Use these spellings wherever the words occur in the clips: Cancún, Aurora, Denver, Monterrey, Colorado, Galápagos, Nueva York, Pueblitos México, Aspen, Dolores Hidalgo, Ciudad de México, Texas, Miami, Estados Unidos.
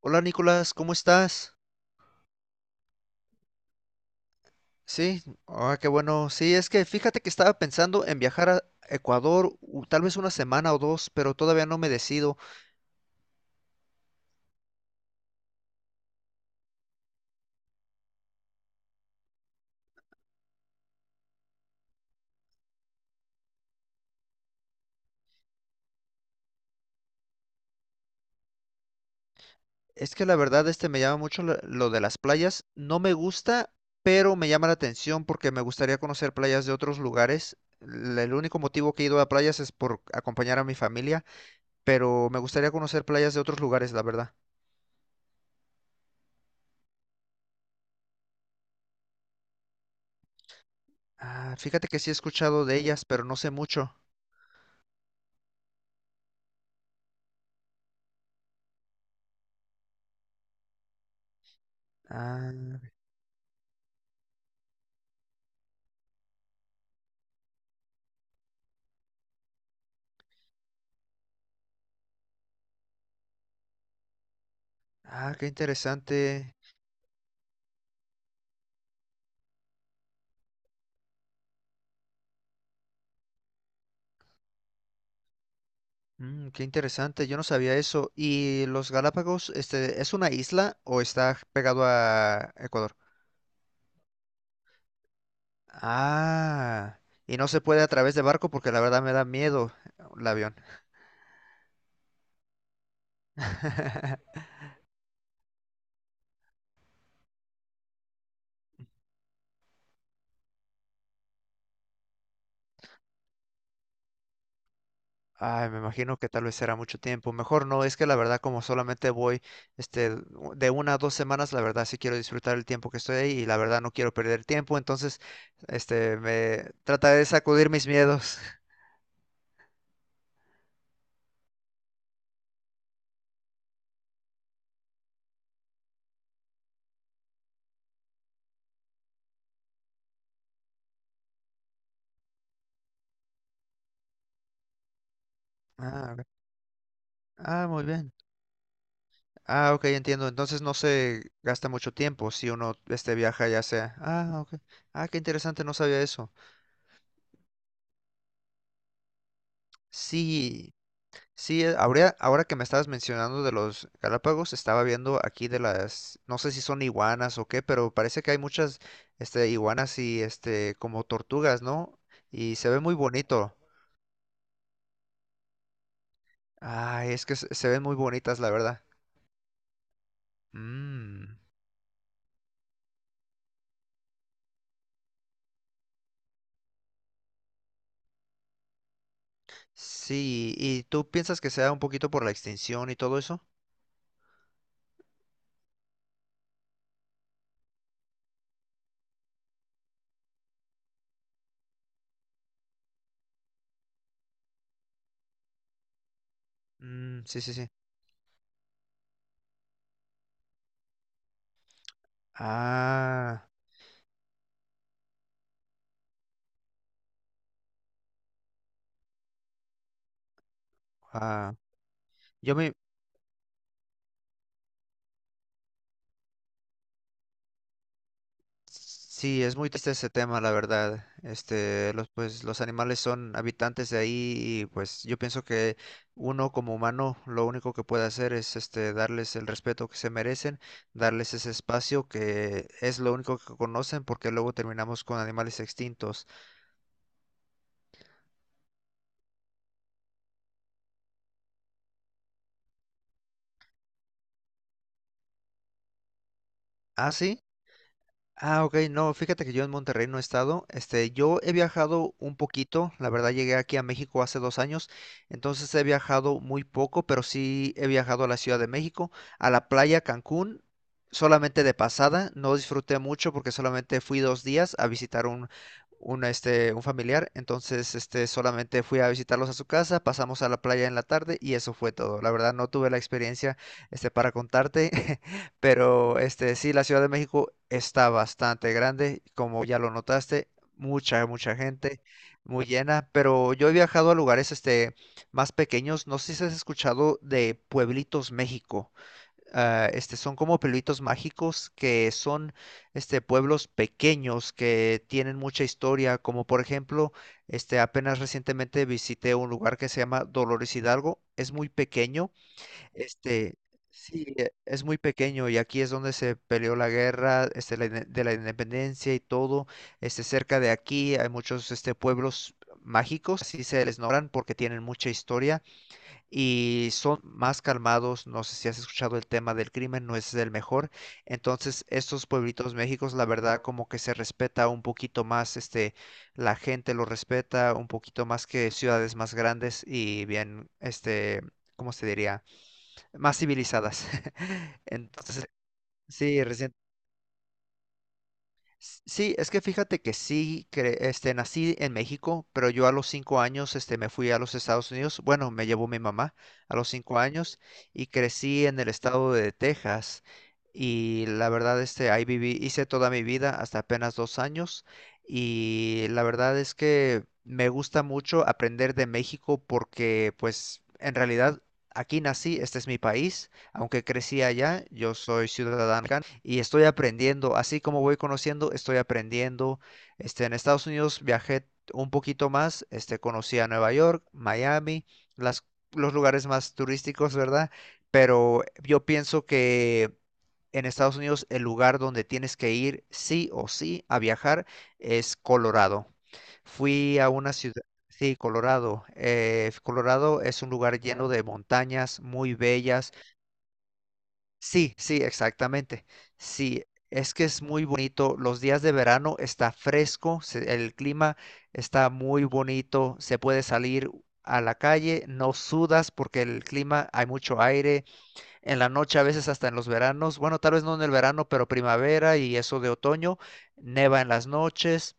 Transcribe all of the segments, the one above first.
Hola Nicolás, ¿cómo estás? Sí, qué bueno. Sí, es que fíjate que estaba pensando en viajar a Ecuador tal vez una semana o dos, pero todavía no me decido. Es que la verdad me llama mucho lo de las playas. No me gusta, pero me llama la atención porque me gustaría conocer playas de otros lugares. El único motivo que he ido a playas es por acompañar a mi familia, pero me gustaría conocer playas de otros lugares, la verdad. Ah, fíjate que sí he escuchado de ellas, pero no sé mucho. Ah, ah, qué interesante. Qué interesante, yo no sabía eso. ¿Y los Galápagos, es una isla o está pegado a Ecuador? Ah, y no se puede a través de barco porque la verdad me da miedo el avión. Ay, me imagino que tal vez será mucho tiempo. Mejor no, es que la verdad como solamente voy de una a dos semanas, la verdad sí quiero disfrutar el tiempo que estoy ahí y la verdad no quiero perder tiempo, entonces me trataré de sacudir mis miedos. Ah, ok. Ah, muy bien. Ah, ok, entiendo. Entonces no se gasta mucho tiempo si uno viaja ya sea. Ah, ok. Ah, qué interesante, no sabía eso. Sí, sí, ahora que me estabas mencionando de los Galápagos, estaba viendo aquí de las, no sé si son iguanas o qué, pero parece que hay muchas iguanas y como tortugas, ¿no? Y se ve muy bonito. Ay, es que se ven muy bonitas, la verdad. Mmm. Sí, ¿y tú piensas que sea un poquito por la extinción y todo eso? Mmm, sí, sí, sí. Ah, ah, yo me... Sí, es muy triste ese tema, la verdad. Los, pues, los animales son habitantes de ahí y pues yo pienso que uno como humano lo único que puede hacer es darles el respeto que se merecen, darles ese espacio que es lo único que conocen porque luego terminamos con animales extintos. Ah, sí. Ah, ok, no, fíjate que yo en Monterrey no he estado. Yo he viajado un poquito, la verdad llegué aquí a México hace 2 años, entonces he viajado muy poco, pero sí he viajado a la Ciudad de México, a la playa Cancún, solamente de pasada, no disfruté mucho porque solamente fui 2 días a visitar un, un familiar, entonces solamente fui a visitarlos a su casa, pasamos a la playa en la tarde y eso fue todo. La verdad no tuve la experiencia para contarte. Pero sí, la Ciudad de México está bastante grande, como ya lo notaste, mucha, mucha gente, muy llena, pero yo he viajado a lugares más pequeños, no sé si has escuchado de Pueblitos México. Ah, son como pueblitos mágicos que son pueblos pequeños que tienen mucha historia, como por ejemplo, apenas recientemente visité un lugar que se llama Dolores Hidalgo, es muy pequeño, este, sí, es muy pequeño y aquí es donde se peleó la guerra, la de la Independencia y todo. Cerca de aquí hay muchos, pueblos mágicos, así se les nombran porque tienen mucha historia y son más calmados. No sé si has escuchado el tema del crimen, no es el mejor. Entonces, estos pueblitos méxicos, la verdad, como que se respeta un poquito más, la gente lo respeta un poquito más que ciudades más grandes y bien, ¿cómo se diría? Más civilizadas. Entonces, sí, recién. Sí, es que fíjate que sí, nací en México, pero yo a los 5 años, me fui a los Estados Unidos. Bueno, me llevó mi mamá a los 5 años y crecí en el estado de Texas. Y la verdad, ahí viví, hice toda mi vida hasta apenas 2 años. Y la verdad es que me gusta mucho aprender de México porque, pues, en realidad aquí nací, este es mi país, aunque crecí allá, yo soy ciudadano y estoy aprendiendo. Así como voy conociendo, estoy aprendiendo. En Estados Unidos viajé un poquito más, conocí a Nueva York, Miami, las, los lugares más turísticos, ¿verdad? Pero yo pienso que en Estados Unidos el lugar donde tienes que ir sí o sí a viajar es Colorado. Fui a una ciudad, sí, Colorado. Colorado es un lugar lleno de montañas muy bellas. Sí, sí, exactamente. Sí, es que es muy bonito. Los días de verano está fresco, el clima está muy bonito, se puede salir a la calle, no sudas porque el clima hay mucho aire. En la noche a veces hasta en los veranos, bueno, tal vez no en el verano, pero primavera y eso de otoño, neva en las noches.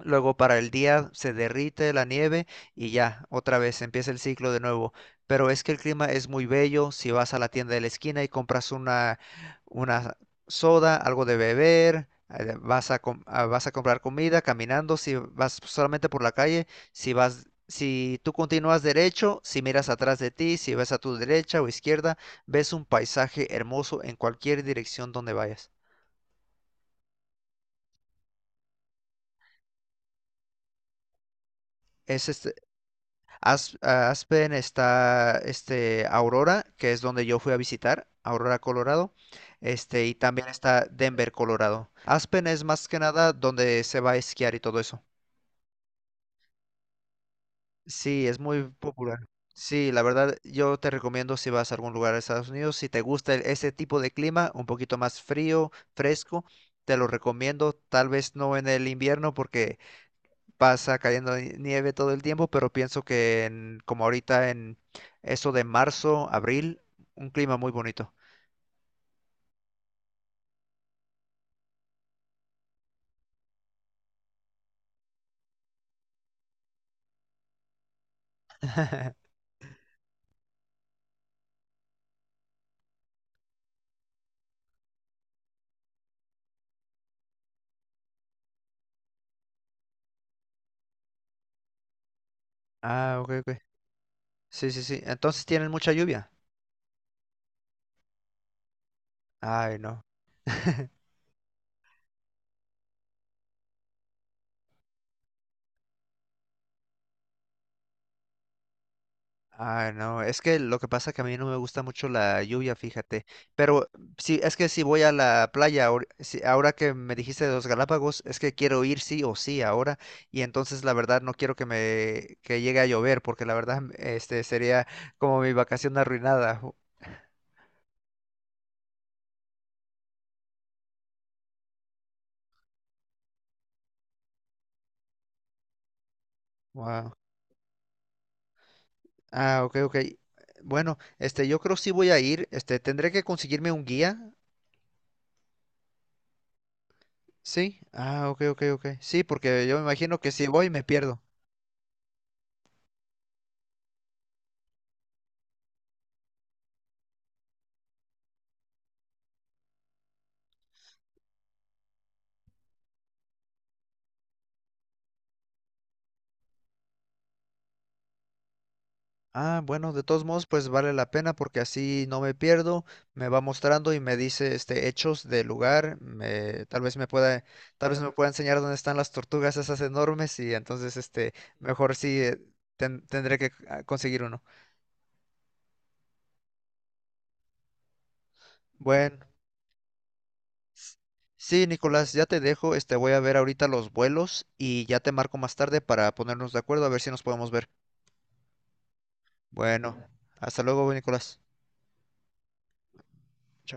Luego para el día se derrite la nieve y ya, otra vez empieza el ciclo de nuevo. Pero es que el clima es muy bello. Si vas a la tienda de la esquina y compras una, una soda, algo de beber, vas a comprar comida caminando, si vas solamente por la calle, si tú continúas derecho, si miras atrás de ti, si ves a tu derecha o izquierda, ves un paisaje hermoso en cualquier dirección donde vayas. Es a Aspen está, Aurora, que es donde yo fui a visitar, Aurora, Colorado, y también está Denver, Colorado. Aspen es más que nada donde se va a esquiar y todo eso. Sí, es muy popular. Sí, la verdad, yo te recomiendo si vas a algún lugar de Estados Unidos, si te gusta ese tipo de clima, un poquito más frío, fresco, te lo recomiendo. Tal vez no en el invierno porque pasa cayendo nieve todo el tiempo, pero pienso que como ahorita en eso de marzo, abril, un clima muy bonito. Ah, ok, ok. Sí, sí, sí. Entonces tienen mucha lluvia. Ay, no. Ay, no, es que lo que pasa que a mí no me gusta mucho la lluvia, fíjate. Pero sí, es que si voy a la playa, ahora que me dijiste de los Galápagos, es que quiero ir sí o sí ahora. Y entonces la verdad no quiero que me que llegue a llover, porque la verdad sería como mi vacación arruinada. Wow. Ah, ok, ok. Bueno, yo creo sí voy a ir. Tendré que conseguirme un guía. Sí. Ah, ok, ok, ok. Sí, porque yo me imagino que si voy me pierdo. Ah, bueno, de todos modos, pues vale la pena porque así no me pierdo. Me va mostrando y me dice, hechos del lugar. Tal vez me pueda enseñar dónde están las tortugas esas enormes y entonces, mejor sí, tendré que conseguir uno. Bueno. Sí, Nicolás, ya te dejo. Voy a ver ahorita los vuelos y ya te marco más tarde para ponernos de acuerdo a ver si nos podemos ver. Bueno, hasta luego, Nicolás. Chao.